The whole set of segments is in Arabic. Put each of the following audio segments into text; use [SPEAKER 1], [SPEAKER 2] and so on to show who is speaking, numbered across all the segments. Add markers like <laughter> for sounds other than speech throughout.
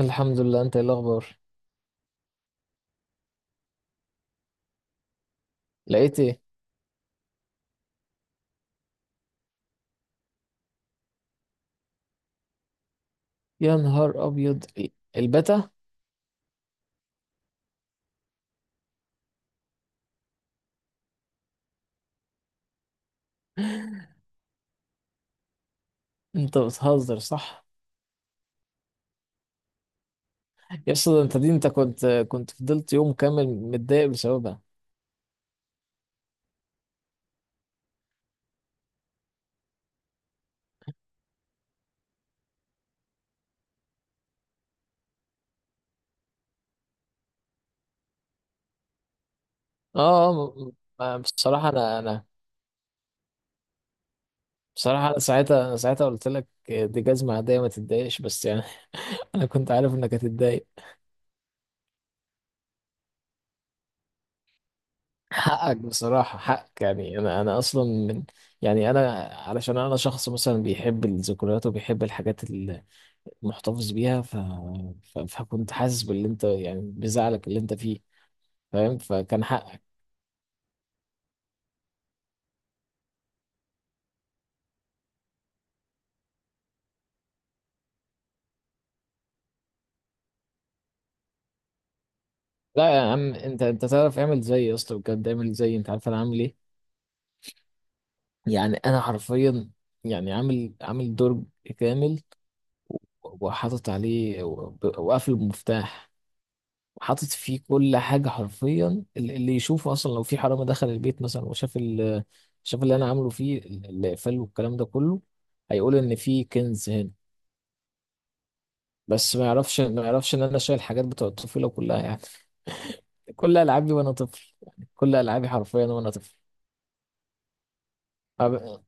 [SPEAKER 1] الحمد لله. انت ايه الاخبار؟ لقيت ايه؟ يا نهار ابيض. البتا. انت بتهزر، صح؟ يا اسطى، ده انت دي انت كنت فضلت يوم كامل متضايق بسببها. اه. آه، بصراحه، انا بصراحه انا ساعتها قلت لك دي جزمه عاديه، ما تتضايقش، بس يعني <laughs> انا كنت عارف انك هتتضايق. حقك، بصراحة حقك يعني. أنا أصلا من... يعني أنا علشان أنا شخص مثلا بيحب الذكريات، وبيحب الحاجات اللي محتفظ بيها، فكنت حاسس باللي أنت يعني بزعلك اللي أنت فيه. فاهم؟ فكان حقك. لا يا عم، أنت تعرف، اعمل زيي يا اسطى، بجد اعمل زيي. أنت عارف أنا عامل إيه؟ يعني أنا حرفيا، يعني عامل دور كامل، وحاطط عليه وقافل المفتاح، وحاطط فيه كل حاجة حرفيا. اللي يشوفه أصلا، لو في حرامي دخل البيت مثلا، وشاف ال شاف اللي أنا عامله فيه، الإقفال والكلام ده كله، هيقول إن في كنز هنا. بس ما يعرفش إن أنا شايل حاجات بتوع الطفولة كلها يعني. كل ألعابي وأنا طفل، يعني كل ألعابي حرفيا وأنا طفل. أب-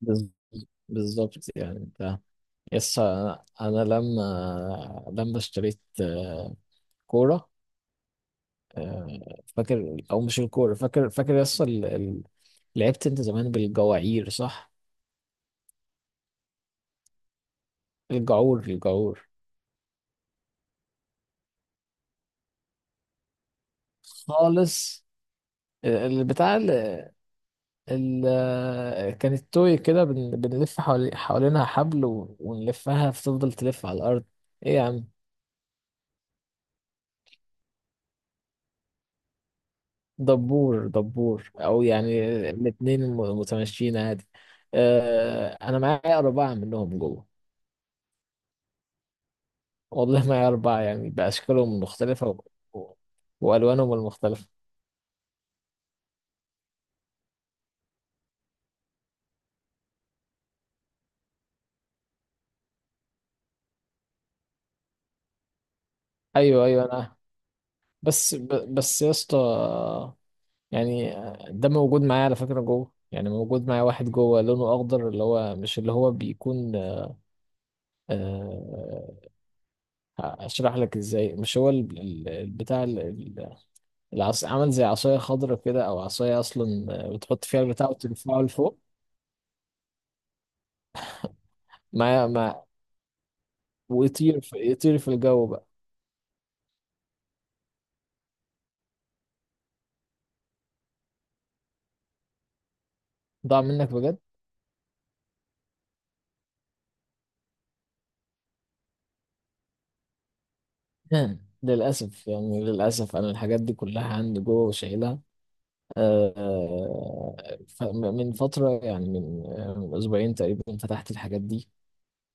[SPEAKER 1] بز- بالظبط. يعني أنت... يس، أنا لما اشتريت كورة. فاكر؟ او مش الكوره؟ فاكر يس. لعبت انت زمان بالجواعير، صح؟ الجعور، الجعور. خالص. البتاع كانت توي كده. بنلف حوالينها حبل، ونلفها، فتفضل تلف على الارض. ايه يا عم؟ دبور، دبور، او يعني الاتنين متمشيين عادي. انا معايا 4 منهم جوه. والله <laughs> معايا اربعه، يعني باشكالهم المختلفه و- والوانهم المختلفه. ايوه، ايوه، انا... بس بس يا اسطى، يعني، ده موجود معايا على فكره جوه. يعني موجود معايا واحد جوه لونه اخضر، اللي هو مش اللي هو بيكون... آه، اشرح لك ازاي. مش هو البتاع العص، عمل زي عصايه خضراء كده، او عصايه اصلا، بتحط فيها البتاع وترفعه لفوق. مع مع ويطير في الجو بقى. ضاع منك بجد؟ <laughs> للاسف يعني، انا الحاجات دي كلها عندي جوه وشايلها. آه، من فترة، يعني من أسبوعين تقريبا فتحت الحاجات دي.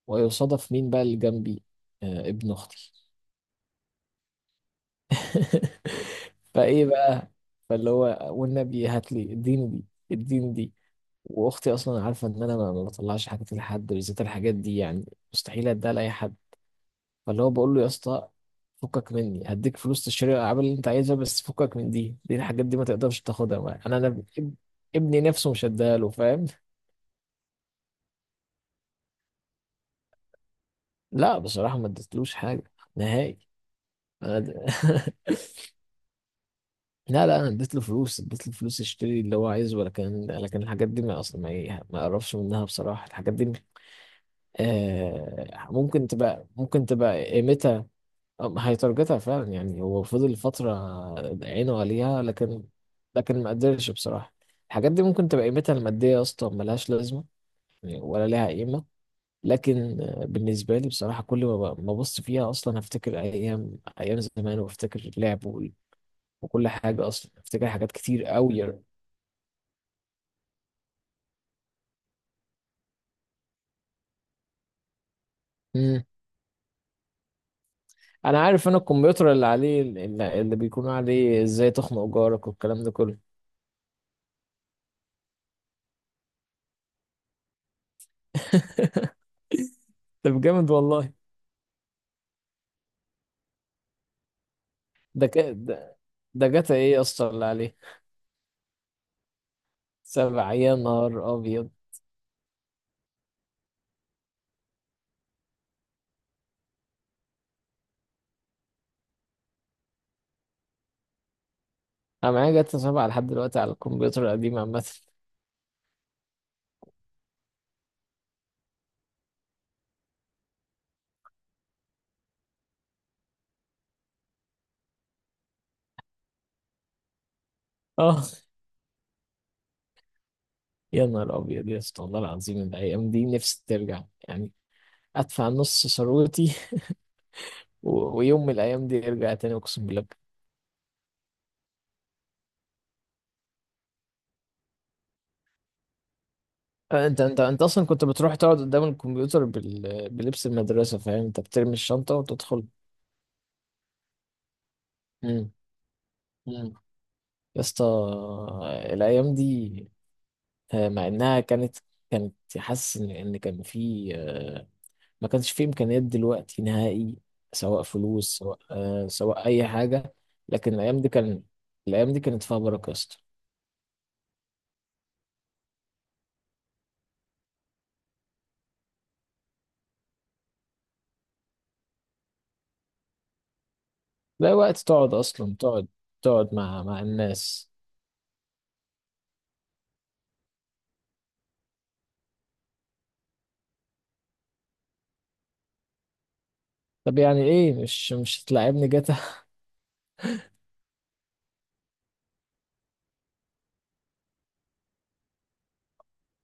[SPEAKER 1] ويصادف مين بقى اللي جنبي؟ ابن أختي. <laughs> فإيه بقى؟ فاللي هو: والنبي هات لي، اديني دي، اديني دي. وأختي أصلا عارفة إن أنا ما بطلعش حاجات لحد، بالذات الحاجات دي يعني. مستحيل أديها لأي حد. فاللي هو بقول له: يا اسطى، فكك مني، هديك فلوس تشتري الألعاب اللي أنت عايزها، بس فكك من دي الحاجات دي، ما تقدرش تاخدها معايا. أنا ابني نفسه مش هديها له، فاهم؟ لا بصراحة ما اديتلوش حاجة نهائي. أنا د... <laughs> لا لا، أنا اديت له فلوس، يشتري اللي هو عايزه. لكن الحاجات دي ما أصلا ما, ي- ما أقربش منها بصراحة، الحاجات دي. آه، ممكن تبقى قيمتها... هيترجتها فعلا، يعني هو فضل فترة عينه عليها، لكن ما قدرش بصراحة. الحاجات دي ممكن تبقى قيمتها المادية أصلا ملهاش لازمة، يعني ولا لها قيمة. لكن بالنسبة لي بصراحة، كل ما ما أبص فيها أصلا، هفتكر أيام أيام زمان، وأفتكر اللعب وكل حاجة. أصلا أفتكر حاجات كتير أوي. مم. أنا عارف. أنا الكمبيوتر اللي عليه، اللي بيكون عليه إزاي تخنق جارك والكلام ده كله. <laughs> طب جامد والله. ده ك... ده, ده جاتا إيه يا اسطى اللي عليه؟ 7؟ يا نهار أبيض. أنا معايا جاتا 7 لحد دلوقتي على الكمبيوتر القديم عامة. <laughs> آه، يا نهار أبيض يا اسطى، والله العظيم، الأيام دي نفسي ترجع يعني. ادفع نص ثروتي ويوم من الايام دي يرجع تاني، اقسم بالله. انت اصلا كنت بتروح تقعد قدام الكمبيوتر بلبس المدرسه، فاهم؟ انت بترمي الشنطه وتدخل. امم امم يا اسطى، الايام دي مع انها كانت، كانت حاسس ان ان كان في ما كانش في امكانيات دلوقتي نهائي. سواء فلوس، سواء سواء اي حاجه. لكن الايام دي كانت فيها بركه يا اسطى. لا، وقت تقعد اصلا، تقعد مع الناس. طب يعني ايه، مش هتلاعبني جاتا؟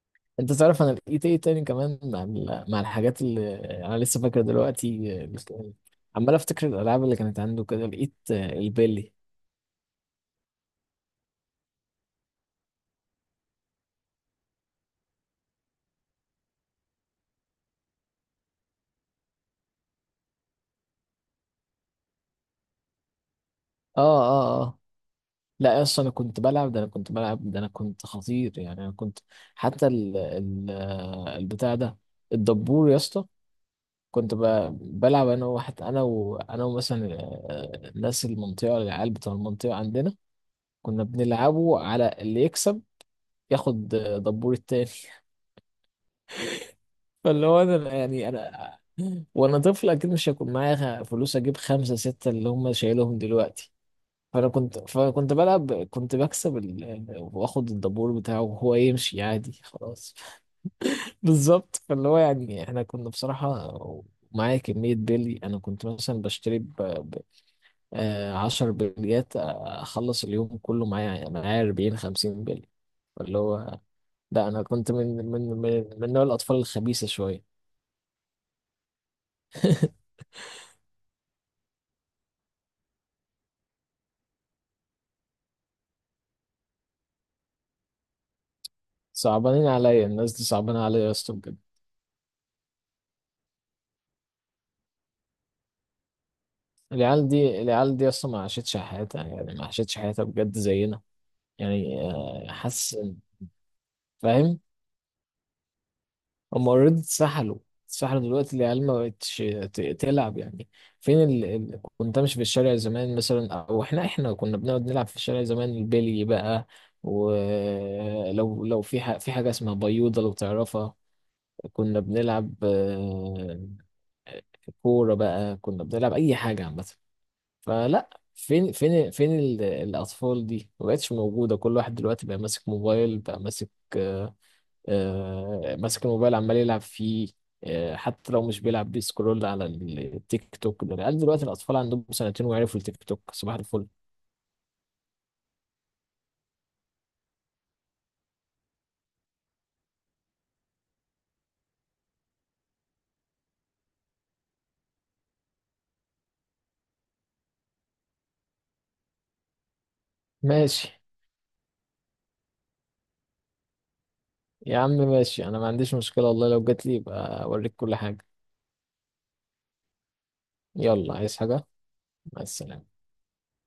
[SPEAKER 1] <laughs> انت تعرف انا لقيت ايه تاني كمان، مع مع الحاجات اللي انا لسه فاكر دلوقتي؟ آه، عمال افتكر الالعاب اللي كانت عنده كده. لقيت البيلي. اه، اه، اه. لا اصلا انا كنت بلعب ده، انا كنت خطير يعني. انا كنت... حتى ال ال البتاع ده، الدبور يا اسطى. كنت بلعب انا وواحد، انا وانا ومثلا ناس المنطقه، العيال بتوع المنطقه عندنا. كنا بنلعبه على اللي يكسب، ياخد دبور التاني. فاللي هو، انا يعني، وانا طفل، اكيد مش هيكون معايا فلوس اجيب خمسه سته اللي هم شايلهم دلوقتي. فانا كنت، فكنت بلعب كنت بكسب ال... واخد الدبور بتاعه وهو يمشي عادي، خلاص. <laughs> بالظبط. فاللي هو يعني احنا كنا بصراحه معايا كمية بلي. أنا كنت مثلا بشتري 10 بليات، أخلص اليوم كله معايا 40 50 بلي. اللي هو، لا أنا كنت من نوع الأطفال الخبيثة شوية. صعبانين عليا الناس دي، صعبانة عليا يا اسطى بجد. العيال دي اصلا ما عاشتش حياتها، يعني ما عاشتش حياتها بجد زينا. يعني حاسس فاهم؟ هم اوريدي اتسحلوا، اتسحلوا دلوقتي. العيال ما بقتش تلعب يعني. فين كنت امشي في الشارع زمان مثلا، او احنا كنا بنقعد نلعب في الشارع زمان البلي بقى. ولو في حاجة اسمها بيوضة لو تعرفها. كنا بنلعب كورة بقى. كنا بنلعب أي حاجة عامة. فلا، فين الاطفال دي؟ ما بقتش موجوده. كل واحد دلوقتي بقى ماسك موبايل، بقى ماسك آه، آه، ماسك الموبايل عمال يلعب فيه. حتى لو مش بيلعب، بيسكرول على التيك توك ده. العيال دلوقتي، الاطفال عندهم سنتين ويعرفوا التيك توك صباح الفل. ماشي. يا عم ماشي، انا ما عنديش مشكله والله، لو جات لي يبقى اوريك كل حاجه. يلا، عايز حاجه؟ مع السلامه.